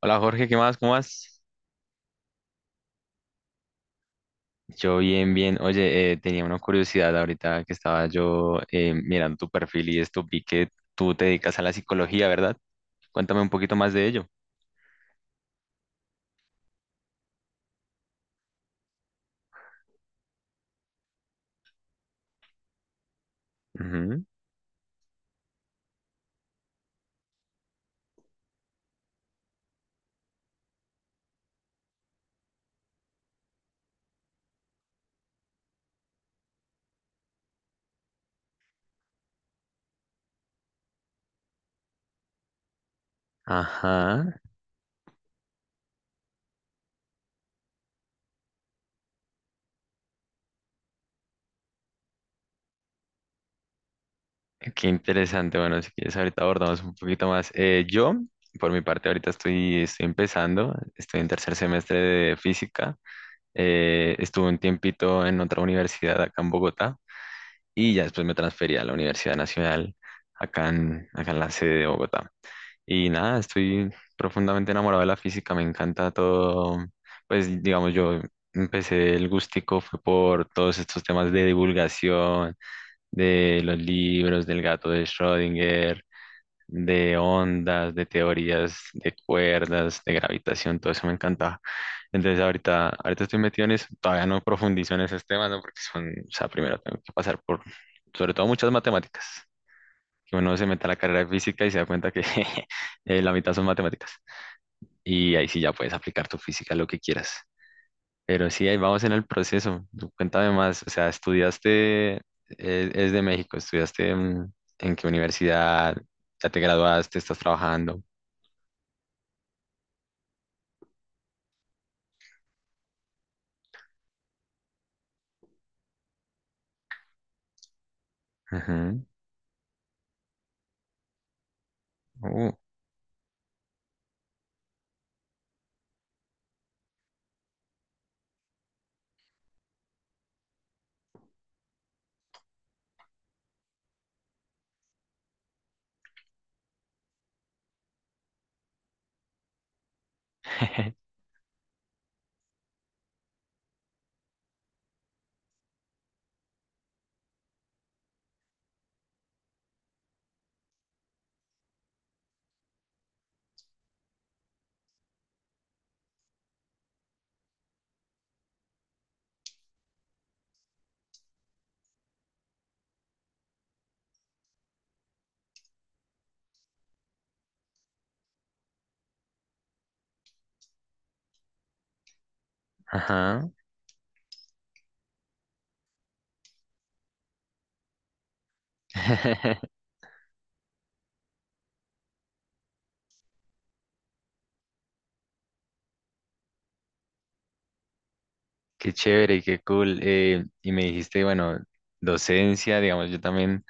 Hola Jorge, ¿qué más? ¿Cómo vas? Yo bien, bien. Oye, tenía una curiosidad ahorita que estaba yo mirando tu perfil y esto, vi que tú te dedicas a la psicología, ¿verdad? Cuéntame un poquito más de ello. Ujú. Ajá, qué interesante. Bueno, si quieres ahorita abordamos un poquito más. Yo, por mi parte, ahorita estoy empezando, estoy en tercer semestre de física. Estuve un tiempito en otra universidad acá en Bogotá, y ya después me transferí a la Universidad Nacional acá en la sede de Bogotá. Y nada, estoy profundamente enamorado de la física, me encanta todo. Pues digamos, yo empecé el gustico fue por todos estos temas de divulgación, de los libros, del gato de Schrödinger, de ondas, de teorías, de cuerdas, de gravitación, todo eso me encantaba. Entonces ahorita estoy metido en eso, todavía no profundizo en esos temas, ¿no? Porque son, o sea, primero tengo que pasar por, sobre todo, muchas matemáticas, que uno se meta a la carrera de física y se da cuenta que la mitad son matemáticas. Y ahí sí ya puedes aplicar tu física a lo que quieras. Pero sí, ahí vamos en el proceso. Tú, cuéntame más, o sea, estudiaste, es, de México, estudiaste, en, qué universidad, ya te graduaste, estás trabajando. Ujú. Uh, Ajá. Qué chévere, y qué cool. Y me dijiste, bueno, docencia, digamos, yo también.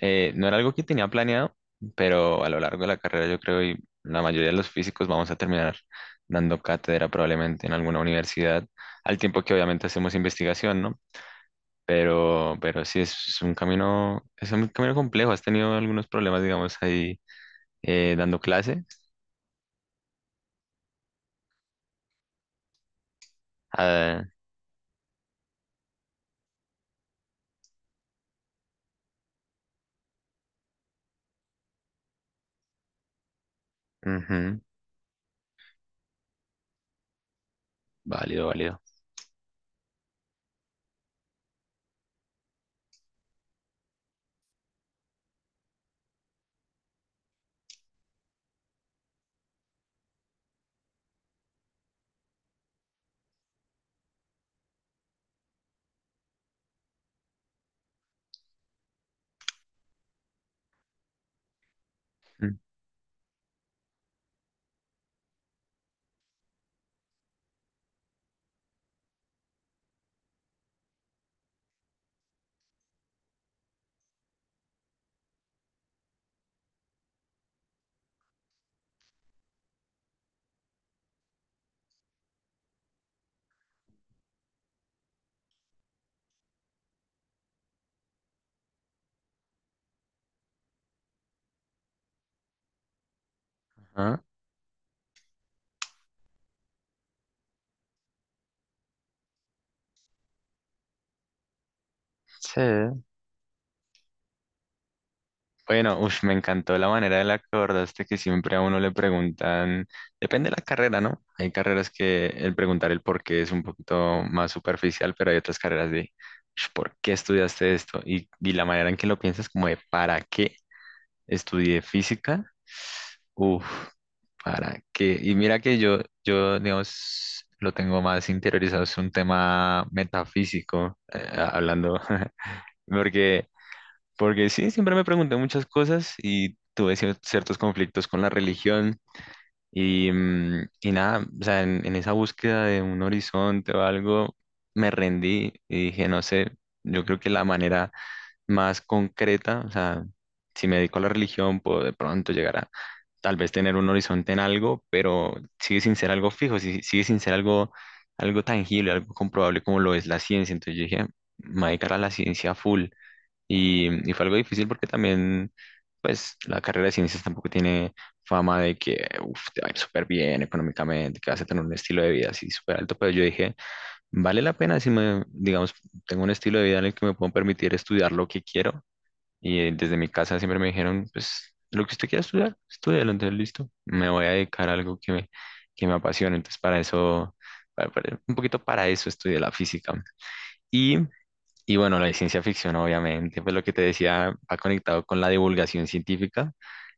No era algo que tenía planeado, pero a lo largo de la carrera yo creo y la mayoría de los físicos vamos a terminar dando cátedra probablemente en alguna universidad, al tiempo que obviamente hacemos investigación, ¿no? Pero sí es un camino complejo. ¿Has tenido algunos problemas, digamos, ahí dando clase? Ah, ujú, válido, válido. Ujú, sí. Bueno, uf, me encantó la manera de la que abordaste, que siempre a uno le preguntan, depende de la carrera, ¿no? Hay carreras que el preguntar el por qué es un poquito más superficial, pero hay otras carreras de "Ush, ¿por qué estudiaste esto?" Y la manera en que lo piensas como de ¿para qué estudié física? Uf, ¿para qué? Y mira que yo, digamos, lo tengo más interiorizado, es un tema metafísico, hablando, porque. Porque sí, siempre me pregunté muchas cosas y tuve ciertos conflictos con la religión y nada, o sea, en esa búsqueda de un horizonte o algo, me rendí y dije, no sé, yo creo que la manera más concreta, o sea, si me dedico a la religión, puedo de pronto llegar a tal vez tener un horizonte en algo, pero sigue sin ser algo fijo, sigue sin ser algo, algo tangible, algo comprobable como lo es la ciencia. Entonces yo dije, me voy a dedicar a la ciencia full. Y fue algo difícil porque también, pues, la carrera de ciencias tampoco tiene fama de que, uf, te va a ir súper bien económicamente, que vas a tener un estilo de vida así súper alto, pero yo dije, vale la pena si me, digamos, tengo un estilo de vida en el que me puedo permitir estudiar lo que quiero. Y desde mi casa siempre me dijeron, pues, lo que usted quiera estudiar, estudialo, entonces listo, me voy a dedicar a algo que me apasione. Entonces, para eso, un poquito para eso estudié la física. Y y bueno, la de ciencia ficción, obviamente, pues lo que te decía, ha conectado con la divulgación científica.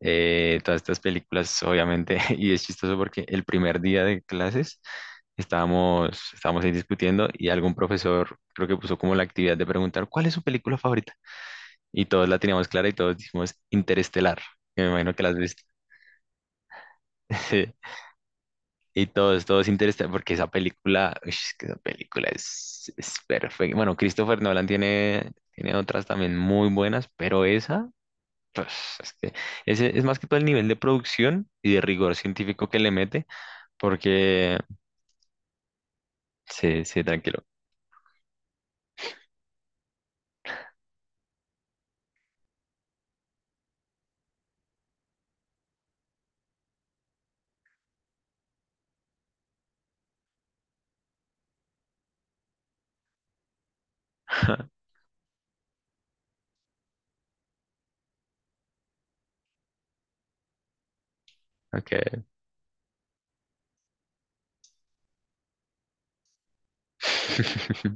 Todas estas películas, obviamente. Y es chistoso porque el primer día de clases estábamos ahí discutiendo y algún profesor creo que puso como la actividad de preguntar, ¿cuál es su película favorita? Y todos la teníamos clara y todos dijimos Interestelar, que me imagino que la has visto. Y todo es interesante porque esa película, uy, es que esa película es perfecta. Bueno, Christopher Nolan tiene otras también muy buenas, pero esa, pues es que ese es más que todo el nivel de producción y de rigor científico que le mete, porque sí, sí, tranquilo. Ok.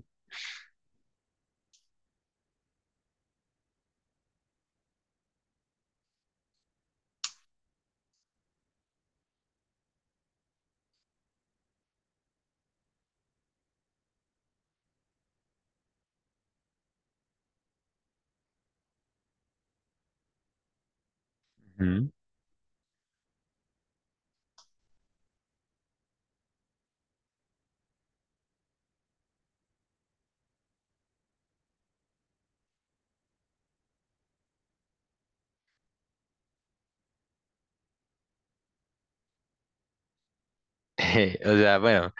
Ujú. O sea, bueno,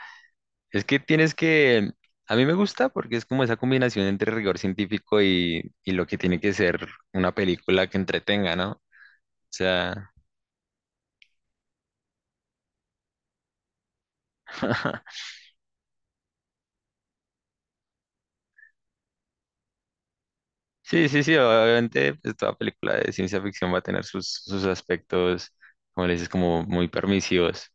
es que tienes que, a mí me gusta porque es como esa combinación entre rigor científico y lo que tiene que ser una película que entretenga, ¿no? O sea. Sí, sí, sí, obviamente, pues toda película de ciencia ficción va a tener sus, aspectos, como le dices, como muy permisivos.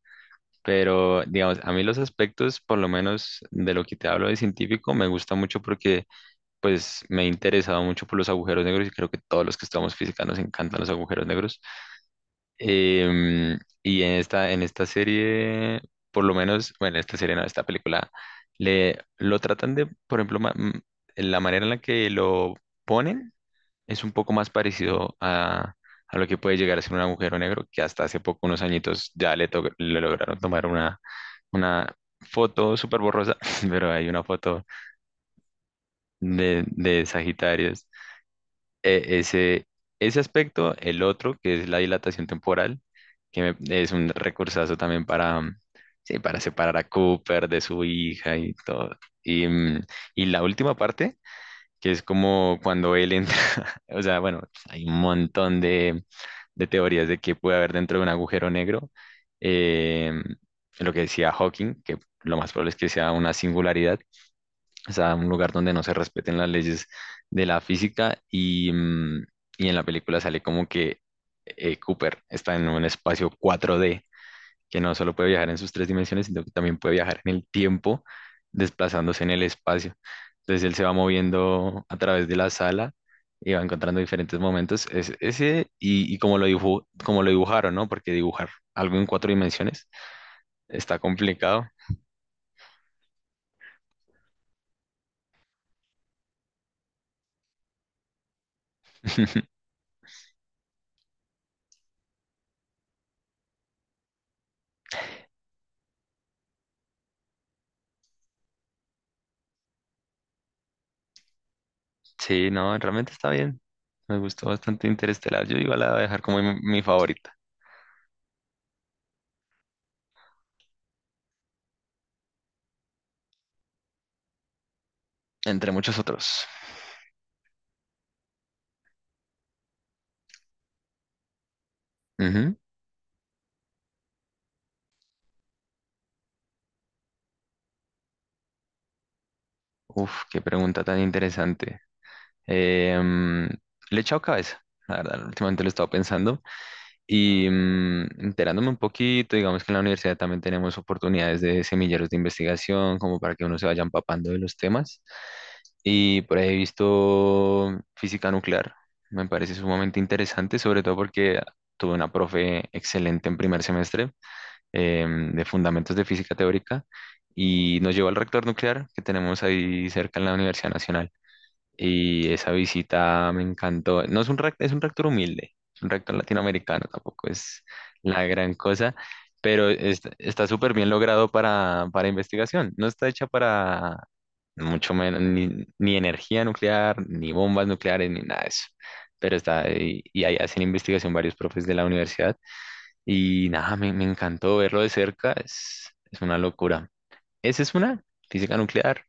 Pero, digamos, a mí los aspectos, por lo menos de lo que te hablo de científico, me gusta mucho porque, pues, me he interesado mucho por los agujeros negros y creo que todos los que estamos física nos encantan los agujeros negros. Em, y en esta serie, por lo menos, bueno, esta serie no, esta película, lo tratan de, por ejemplo, la manera en la que lo ponen es un poco más parecido a lo que puede llegar a ser un agujero negro, que hasta hace poco, unos añitos, ya le lograron tomar una foto súper borrosa, pero hay una foto de Sagitarios. E- ese, ese aspecto, el otro, que es la dilatación temporal, es un recursazo también para, sí, para separar a Cooper de su hija y todo. Y, mm, y la última parte, que es como cuando él entra, o sea, bueno, hay un montón de teorías de qué puede haber dentro de un agujero negro. eh, lo que decía Hawking, que lo más probable es que sea una singularidad, o sea, un lugar donde no se respeten las leyes de la física. Y en la película sale como que Cooper está en un espacio cuatro d, que no solo puede viajar en sus tres dimensiones, sino que también puede viajar en el tiempo, desplazándose en el espacio. Entonces él se va moviendo a través de la sala y va encontrando diferentes momentos. Y como lo dibujaron, ¿no? Porque dibujar algo en cuatro dimensiones está complicado. Sí, no, realmente está bien. Me gustó bastante Interestelar. Yo igual la voy a dejar como mi, favorita, entre muchos otros. Ujú. Uf, qué pregunta tan interesante. Em, le he echado cabeza, la verdad, últimamente lo he estado pensando y, enterándome un poquito, digamos que en la universidad también tenemos oportunidades de semilleros de investigación, como para que uno se vaya empapando de los temas. Y por ahí he visto física nuclear, me parece sumamente interesante, sobre todo porque tuve una profe excelente en primer semestre, de fundamentos de física teórica, y nos llevó al reactor nuclear que tenemos ahí cerca en la Universidad Nacional. Y esa visita me encantó. No es un reactor, es un reactor humilde, es un reactor latinoamericano, tampoco es la gran cosa, pero está súper bien logrado para, investigación. No está hecha para mucho menos, ni energía nuclear, ni bombas nucleares, ni nada de eso. Pero está, y, ahí hacen investigación varios profes de la universidad. Y nada, me, encantó verlo de cerca, es una locura. Esa es física nuclear.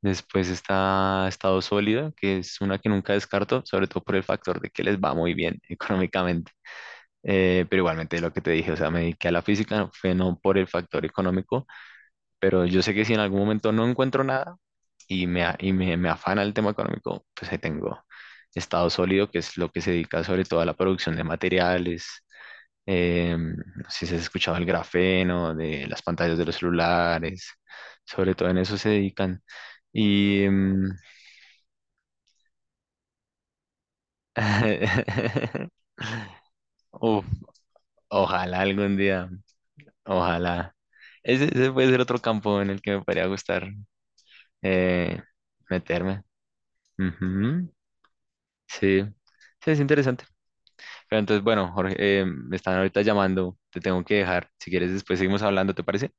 Después está Estado Sólido, que es una que nunca descarto, sobre todo por el factor de que les va muy bien económicamente. Pero igualmente lo que te dije, o sea, me dediqué a la física, no fue no por el factor económico, pero yo sé que si en algún momento no encuentro nada y me afana el tema económico, pues ahí tengo Estado Sólido, que es lo que se dedica sobre todo a la producción de materiales. No sé si has escuchado el grafeno, de las pantallas de los celulares, sobre todo en eso se dedican. Y, uf, ojalá algún día, ojalá. Ese puede ser otro campo en el que me podría gustar eh, meterme. Ujú. Sí, sí, es interesante. Pero entonces, bueno, Jorge, me están ahorita llamando, te tengo que dejar. Si quieres, después seguimos hablando, ¿te parece?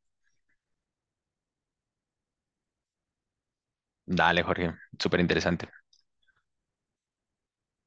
Dale, Jorge, súper interesante.